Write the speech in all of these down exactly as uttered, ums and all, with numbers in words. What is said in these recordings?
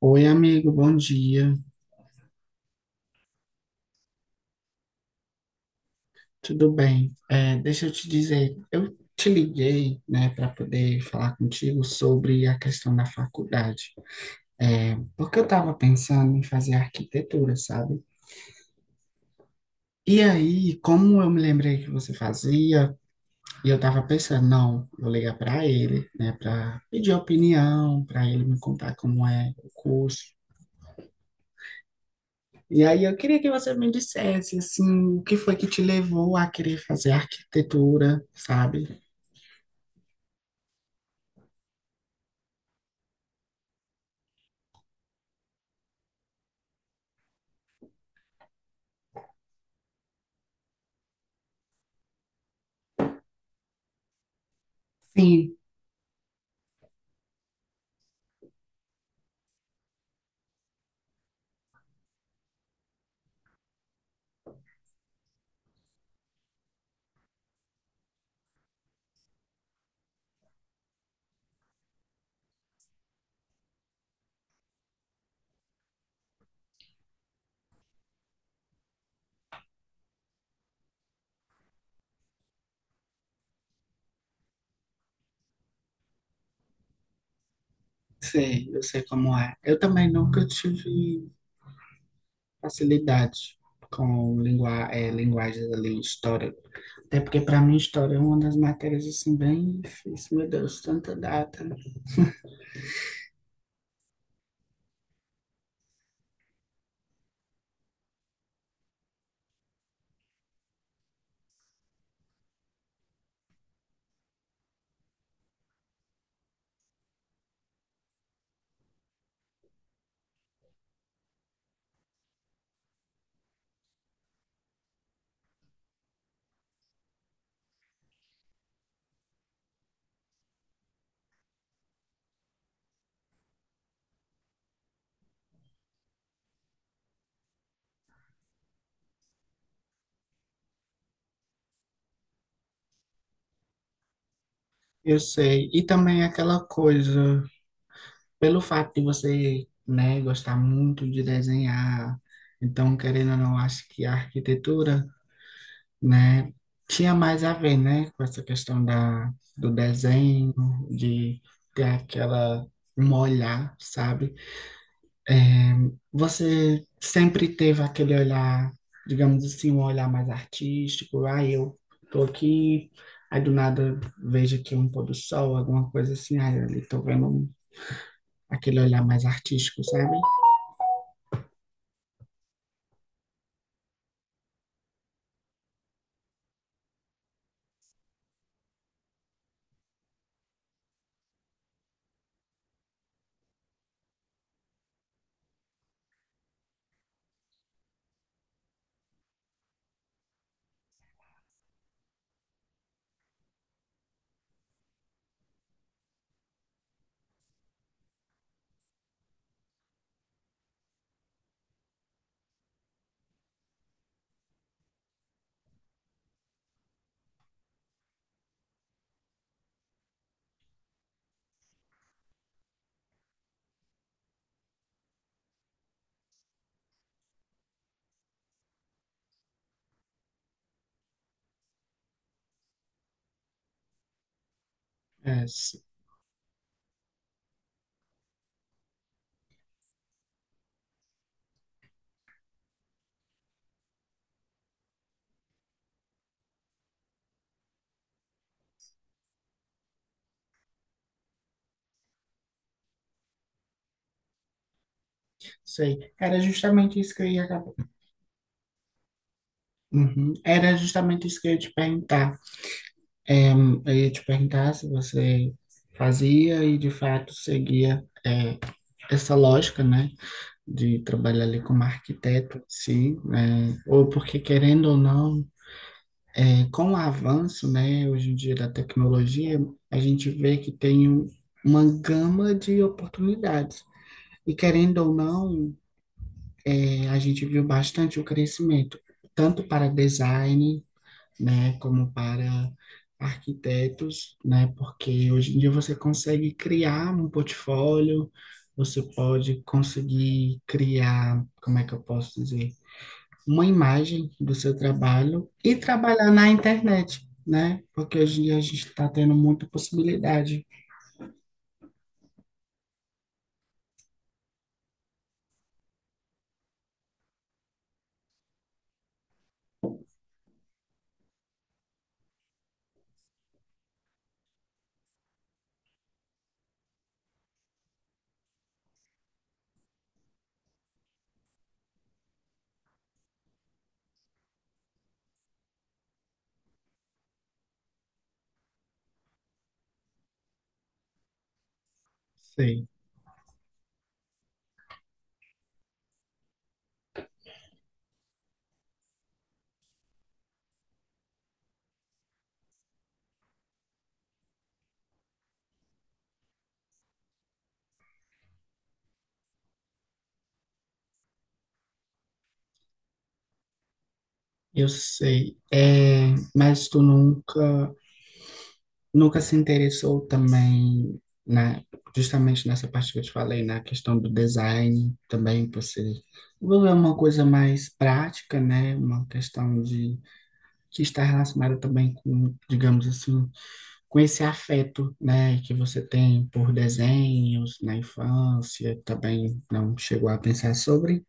Oi, amigo, bom dia, tudo bem? É, deixa eu te dizer, eu te liguei, né, para poder falar contigo sobre a questão da faculdade. É, porque eu estava pensando em fazer arquitetura, sabe? E aí, como eu me lembrei que você fazia, e eu estava pensando, não, vou ligar para ele, né, para pedir opinião, para ele me contar como é o curso. E aí eu queria que você me dissesse assim, o que foi que te levou a querer fazer arquitetura, sabe? Sim, sei, eu sei como é. Eu também nunca tive facilidade com lingua, é, linguagens ali, história. Até porque para mim história é uma das matérias assim bem difíceis, meu Deus, tanta data. Eu sei. E também é aquela coisa, pelo fato de você, né, gostar muito de desenhar, então querendo ou não, acho que a arquitetura, né? Tinha mais a ver, né, com essa questão da, do desenho, de ter aquela um olhar, sabe? É, você sempre teve aquele olhar, digamos assim, um olhar mais artístico. Ah, eu tô aqui, aí do nada vejo aqui um pôr do sol, alguma coisa assim, ah, ali tô vendo um- aquele olhar mais artístico, sabe? É, s- Sei. Era justamente isso que eu ia acabar. Uhum. Era justamente isso que eu ia te perguntar. É, eu ia te perguntar se você fazia e de fato seguia, é, essa lógica, né, de trabalhar ali como arquiteto, sim, né? Ou porque querendo ou não, é, com o avanço, né, hoje em dia da tecnologia, a gente vê que tem um- uma gama de oportunidades. E querendo ou não, é, a gente viu bastante o crescimento, tanto para design, né, como para arquitetos, né, porque hoje em dia você consegue criar um portfólio, você pode conseguir criar, como é que eu posso dizer, uma imagem do seu trabalho e trabalhar na internet, né, porque hoje em dia a gente está tendo muita possibilidade. Sei, eu sei, é, mas tu nunca, nunca se interessou também na, justamente nessa parte que eu te falei, na questão do design também, você envolver uma coisa mais prática, né? Uma questão de que está relacionada também com, digamos assim, com esse afeto, né, que você tem por desenhos na infância, também não chegou a pensar sobre?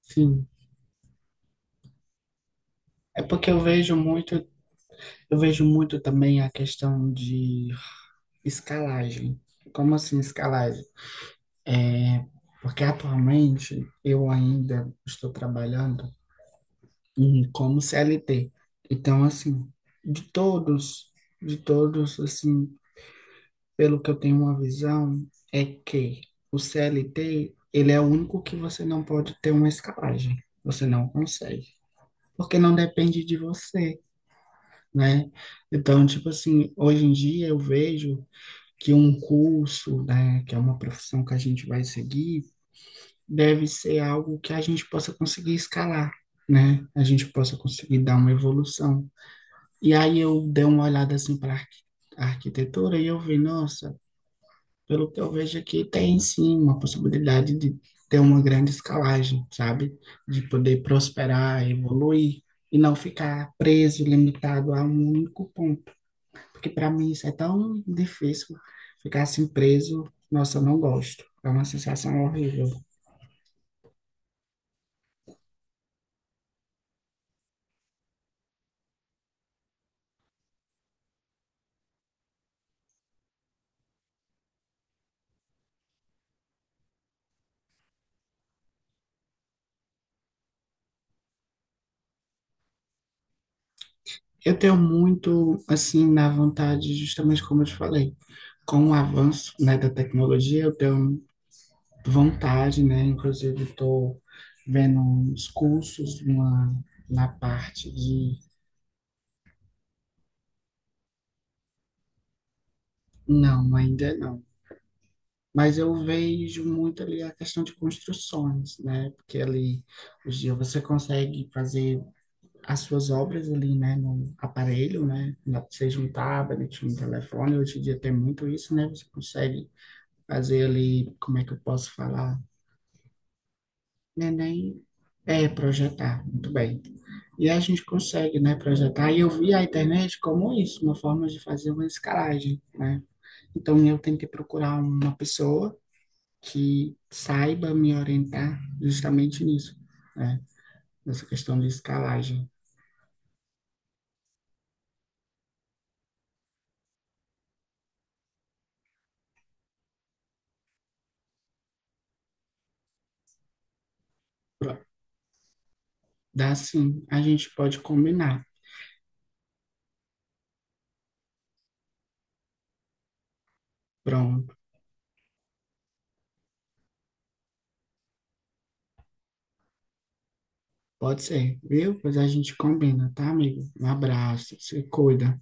Sim. É porque eu vejo muito, eu vejo muito também a questão de escalagem. Como assim escalagem? É, porque atualmente eu ainda estou trabalhando em- como C L T. Então, assim, de todos, de todos, assim, pelo que eu tenho uma visão, é que o C L T, ele é o único que você não pode ter uma escalagem. Você não consegue. Porque não depende de você, né? Então, tipo assim, hoje em dia eu vejo que um curso, né, que é uma profissão que a gente vai seguir, deve ser algo que a gente possa conseguir escalar, né? A gente possa conseguir dar uma evolução. E aí eu dei uma olhada assim para a arquitetura e eu vi, nossa, pelo que eu vejo aqui, tem sim uma possibilidade de ter uma grande escalagem, sabe? De poder prosperar, evoluir e não ficar preso, limitado a um único ponto. Porque para mim isso é tão difícil, ficar assim preso, nossa, eu não gosto. É uma sensação horrível. Eu tenho muito, assim, na vontade, justamente como eu te falei, com o avanço, né, da tecnologia, eu tenho vontade, né, inclusive estou vendo uns cursos na, na parte de, não, ainda não. Mas eu vejo muito ali a questão de construções, né, porque ali, hoje em dia você consegue fazer as suas obras ali, né, no aparelho, né, na- seja um tablet, um telefone, hoje em dia tem muito isso, né, você consegue fazer ali, como é que eu posso falar? Não é nem É projetar, muito bem. E a gente consegue, né, projetar. E eu vi a internet como isso, uma forma de fazer uma escalagem, né? Então eu tenho que procurar uma pessoa que saiba me orientar justamente nisso, né? Nessa questão de escalagem. Pro- Dá sim, a gente pode combinar. Pronto, pode ser, viu? Pois a gente combina, tá, amigo? Um abraço, se cuida.